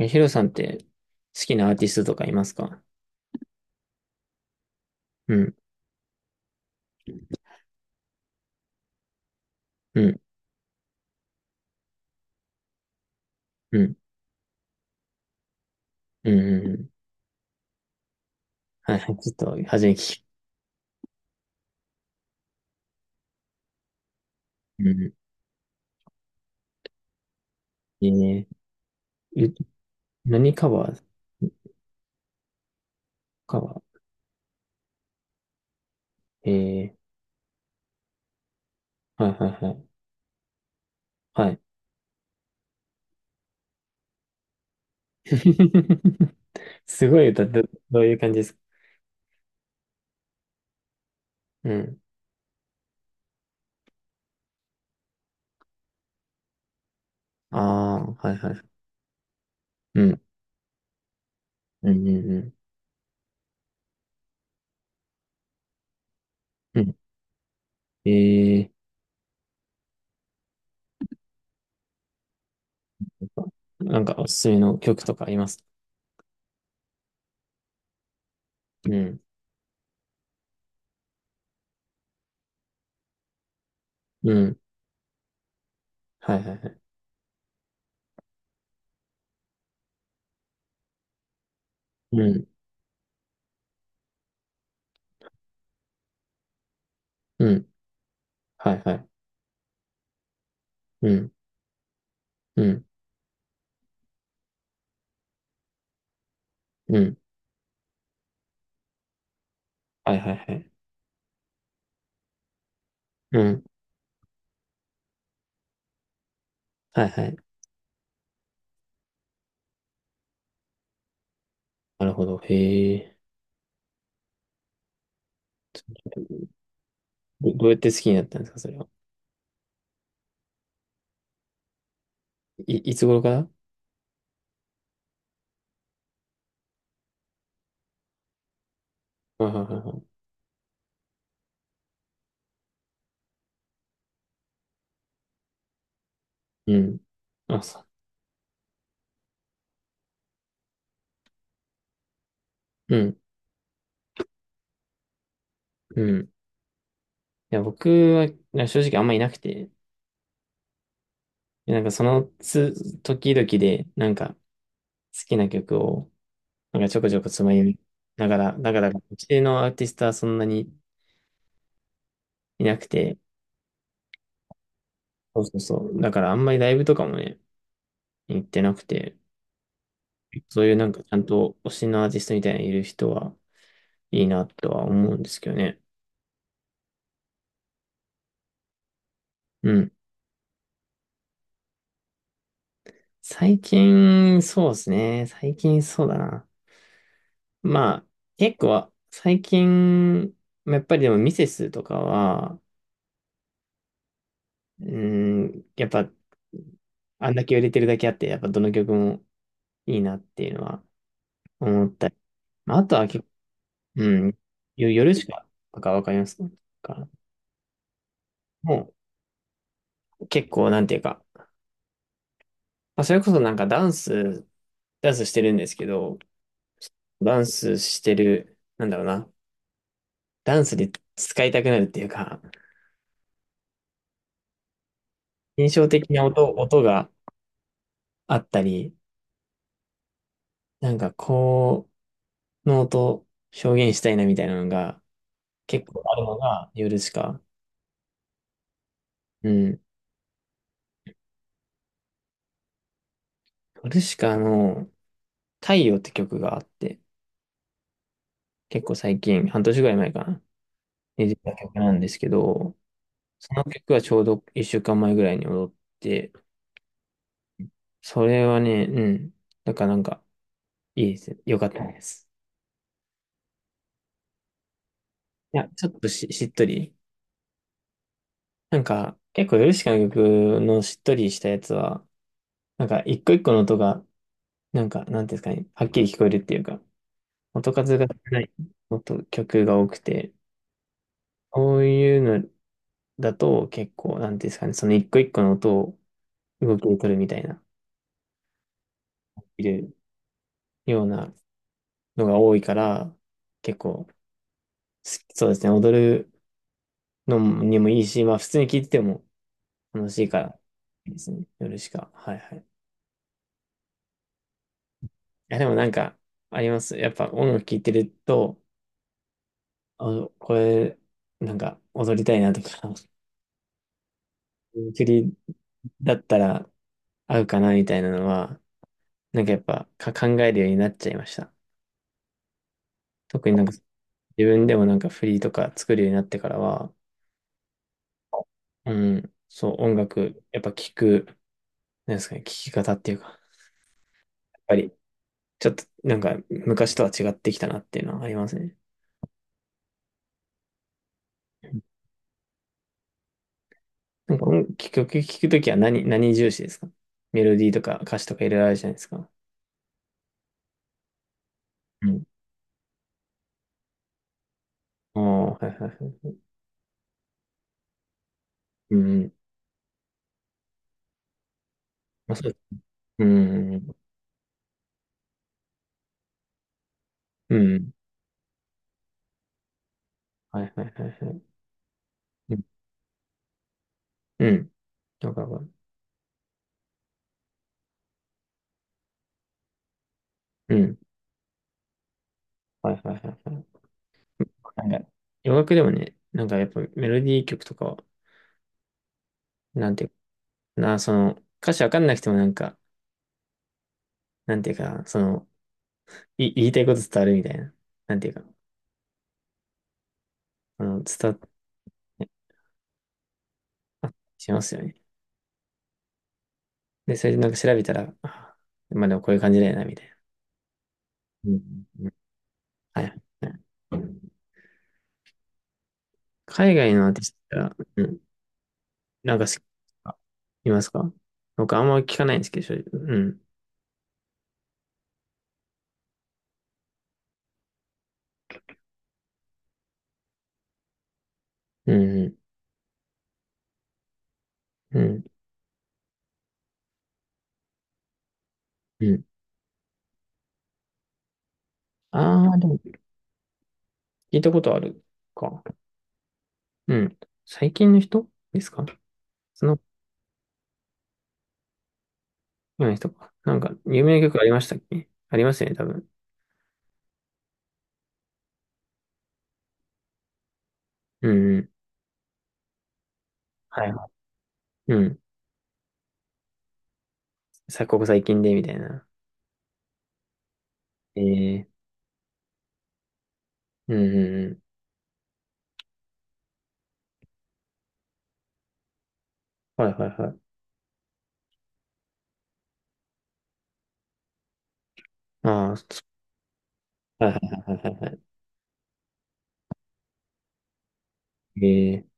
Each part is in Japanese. え、ヒロさんって好きなアーティストとかいますか？うん、うん、うん、うん、うんうん。はい、はい、ちょっと初めに聞き、うん、いいね。ゆ何カバー？カバー、はい、はい、はい。はい。すごい歌って、どういう感じですか？うん。ああ、はい、はい。うん、うん、うん、うん。うん、えー、なんかおすすめの曲とかあります？うん、うん、はい、はい、はい。うん、うん、はい、はい。うん、うん、うん、はい、はい、はい。うん、はいはい。なるほど。へえ。どうやって好きになったんですか、それは。いつ頃から？はいはいはいはい。うん。あ、そう。うん。うん。いや、僕はな正直あんまいなくて、でなんかその時々で、なんか好きな曲を、なんかちょこちょこつまみながら、だから、うちのアーティストはそんなにいなくて、そうそうそう。だからあんまりライブとかもね、行ってなくて、そういうなんかちゃんと推しのアーティストみたいにいる人はいいなとは思うんですけどね。うん。最近、そうですね。最近そうだな。まあ、結構、最近、やっぱりでもミセスとかは、うーやっぱ、あんだけ売れてるだけあって、やっぱどの曲もいいなっていうのは思ったり。まあ、あとは結構、うん、夜しか、とかわかりますか？もう結構、なんていうか、まあ、それこそなんかダンスしてるんですけど、ダンスしてる、なんだろうな、ダンスで使いたくなるっていうか、印象的な音があったり、なんかこの音表現したいなみたいなのが結構あるのがヨルシカ。うん。ヨルシカの太陽って曲があって、結構最近、半年ぐらい前かな、に出た曲なんですけど、その曲はちょうど一週間前ぐらいに踊って、それはね、うん。だからなんかいいですよ。よかったです。いや、ちょっとしっとり。なんか結構ヨルシカの曲のしっとりしたやつは、なんか、一個一個の音が、なんか、なんていうんですかね、はっきり聞こえるっていうか、音数が少ない曲が多くて、そういうのだと結構、なんていうんですかね、その一個一個の音を動きで取るみたいな、いるようなのが多いから、結構、そうですね、踊るのにもいいし、まあ、普通に聴いてても楽しいから、いいですね、夜しか。はいはい。いや、でもなんか、あります。やっぱ音楽聴いてると、あ、これ、なんか踊りたいなとか栗だったら合うかなみたいなのは、なんかやっぱか考えるようになっちゃいました。特になんか自分でもなんかフリーとか作るようになってからは、うん、そう音楽、やっぱ聞く、なんですかね、聞き方っていうか、やっぱりちょっとなんか昔とは違ってきたなっていうのはありますね。なんか音聞くときは何重視ですか？メロディーとか歌詞とかいろいろあるじゃないですか。うん。ああ、はいはいはい。うん。まあ、そう。うん。うん。はいはいはいはい。うん。うん。わかるわかる、うん。はいはいはいはい。なんか洋楽でもね、なんかやっぱメロディー曲とかは、なんていうかな、その、歌詞わかんなくてもなんか、なんていうかな、その、言いたいこと伝わるみたいな、なんていうか、あの、伝わってしますよね。で、それでなんか調べたら、あ、まあでもこういう感じだよな、みたいな。うんうんうん、はいはいはい、海外のアーティストが、うん、なんかいますか？僕あんま聞かないんですけど、正直うん。うんうん、うん、うん。ああ、でも聞いたことあるか。うん。最近の人ですか？その前の人か。なんか、有名な曲ありましたっけ？ありますよね、多分。うんうん。はいはい。うん。ここ最近で、みたいな。えうんうんうん。はいはいはい。ああ、はいはいはいはいはい。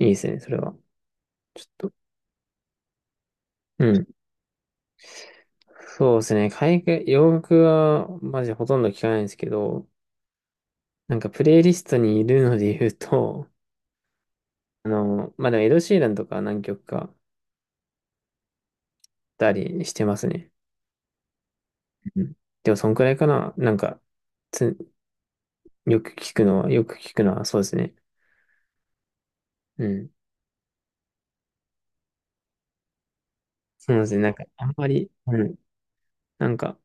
いいですね、それは。ちょっと。うん。そうですね。海外、洋楽は、マジほとんど聞かないんですけど、なんか、プレイリストにいるので言うと、あの、まあ、でも、エド・シーランとか何曲か、たりしてますね。うん、でも、そんくらいかな。なんか、つ、よく聞くのは、そうですね。うん。そうですね。なんか、あんまり、うん。なんか、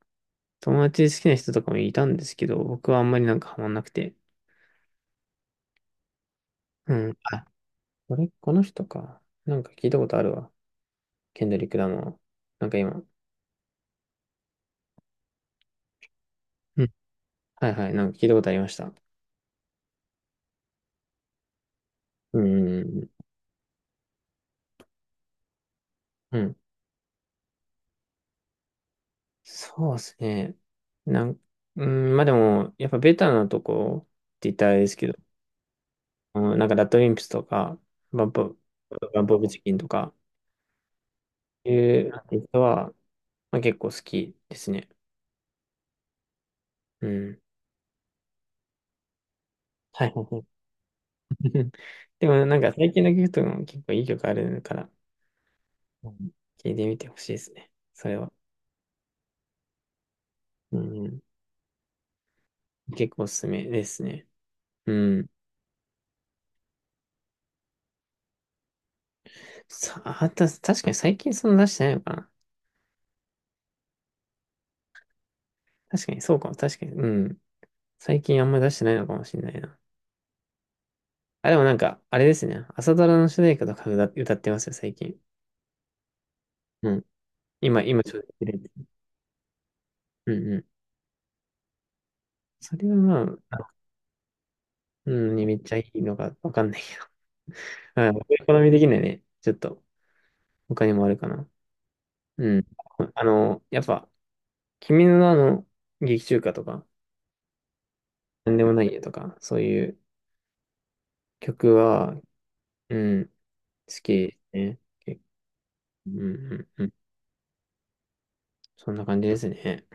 友達好きな人とかもいたんですけど、僕はあんまりなんかハマんなくて。うん。あ、これ、この人か。なんか聞いたことあるわ。ケンドリック・ラマー。なんか今。うん。はいはい。なんか聞いたことありました。うん。うん。そうですね。なん、うん、まあでも、やっぱベタなとこって言ったらあれですけど、うん、なんかラッドウィンプスとか、バンプ、バンプオブチキンとか、いうアーティストは、まあ、結構好きですね。うん。はいはいはい。でもなんか最近の曲とかも結構いい曲あるから、うん、聞いてみてほしいですね。それは。うん。結構おすすめですね。うん。さあ、確かに最近そんな出してないのかな。確かにそうかも。確かに。うん。最近あんまり出してないのかもしれないな。あ、でもなんか、あれですね。朝ドラの主題歌とか歌ってますよ、最近。うん、今ちょっと切れて。うんうん。それはまあ、うん、ね、めっちゃいいのかわかんないけど。うん、好み的にはね、ちょっと他にもあるかな。うん。あの、やっぱ、君の名の劇中歌とか、なんでもないよとか、そういう曲は、うん、好きですね。結構、うんうんうん。そんな感じですね。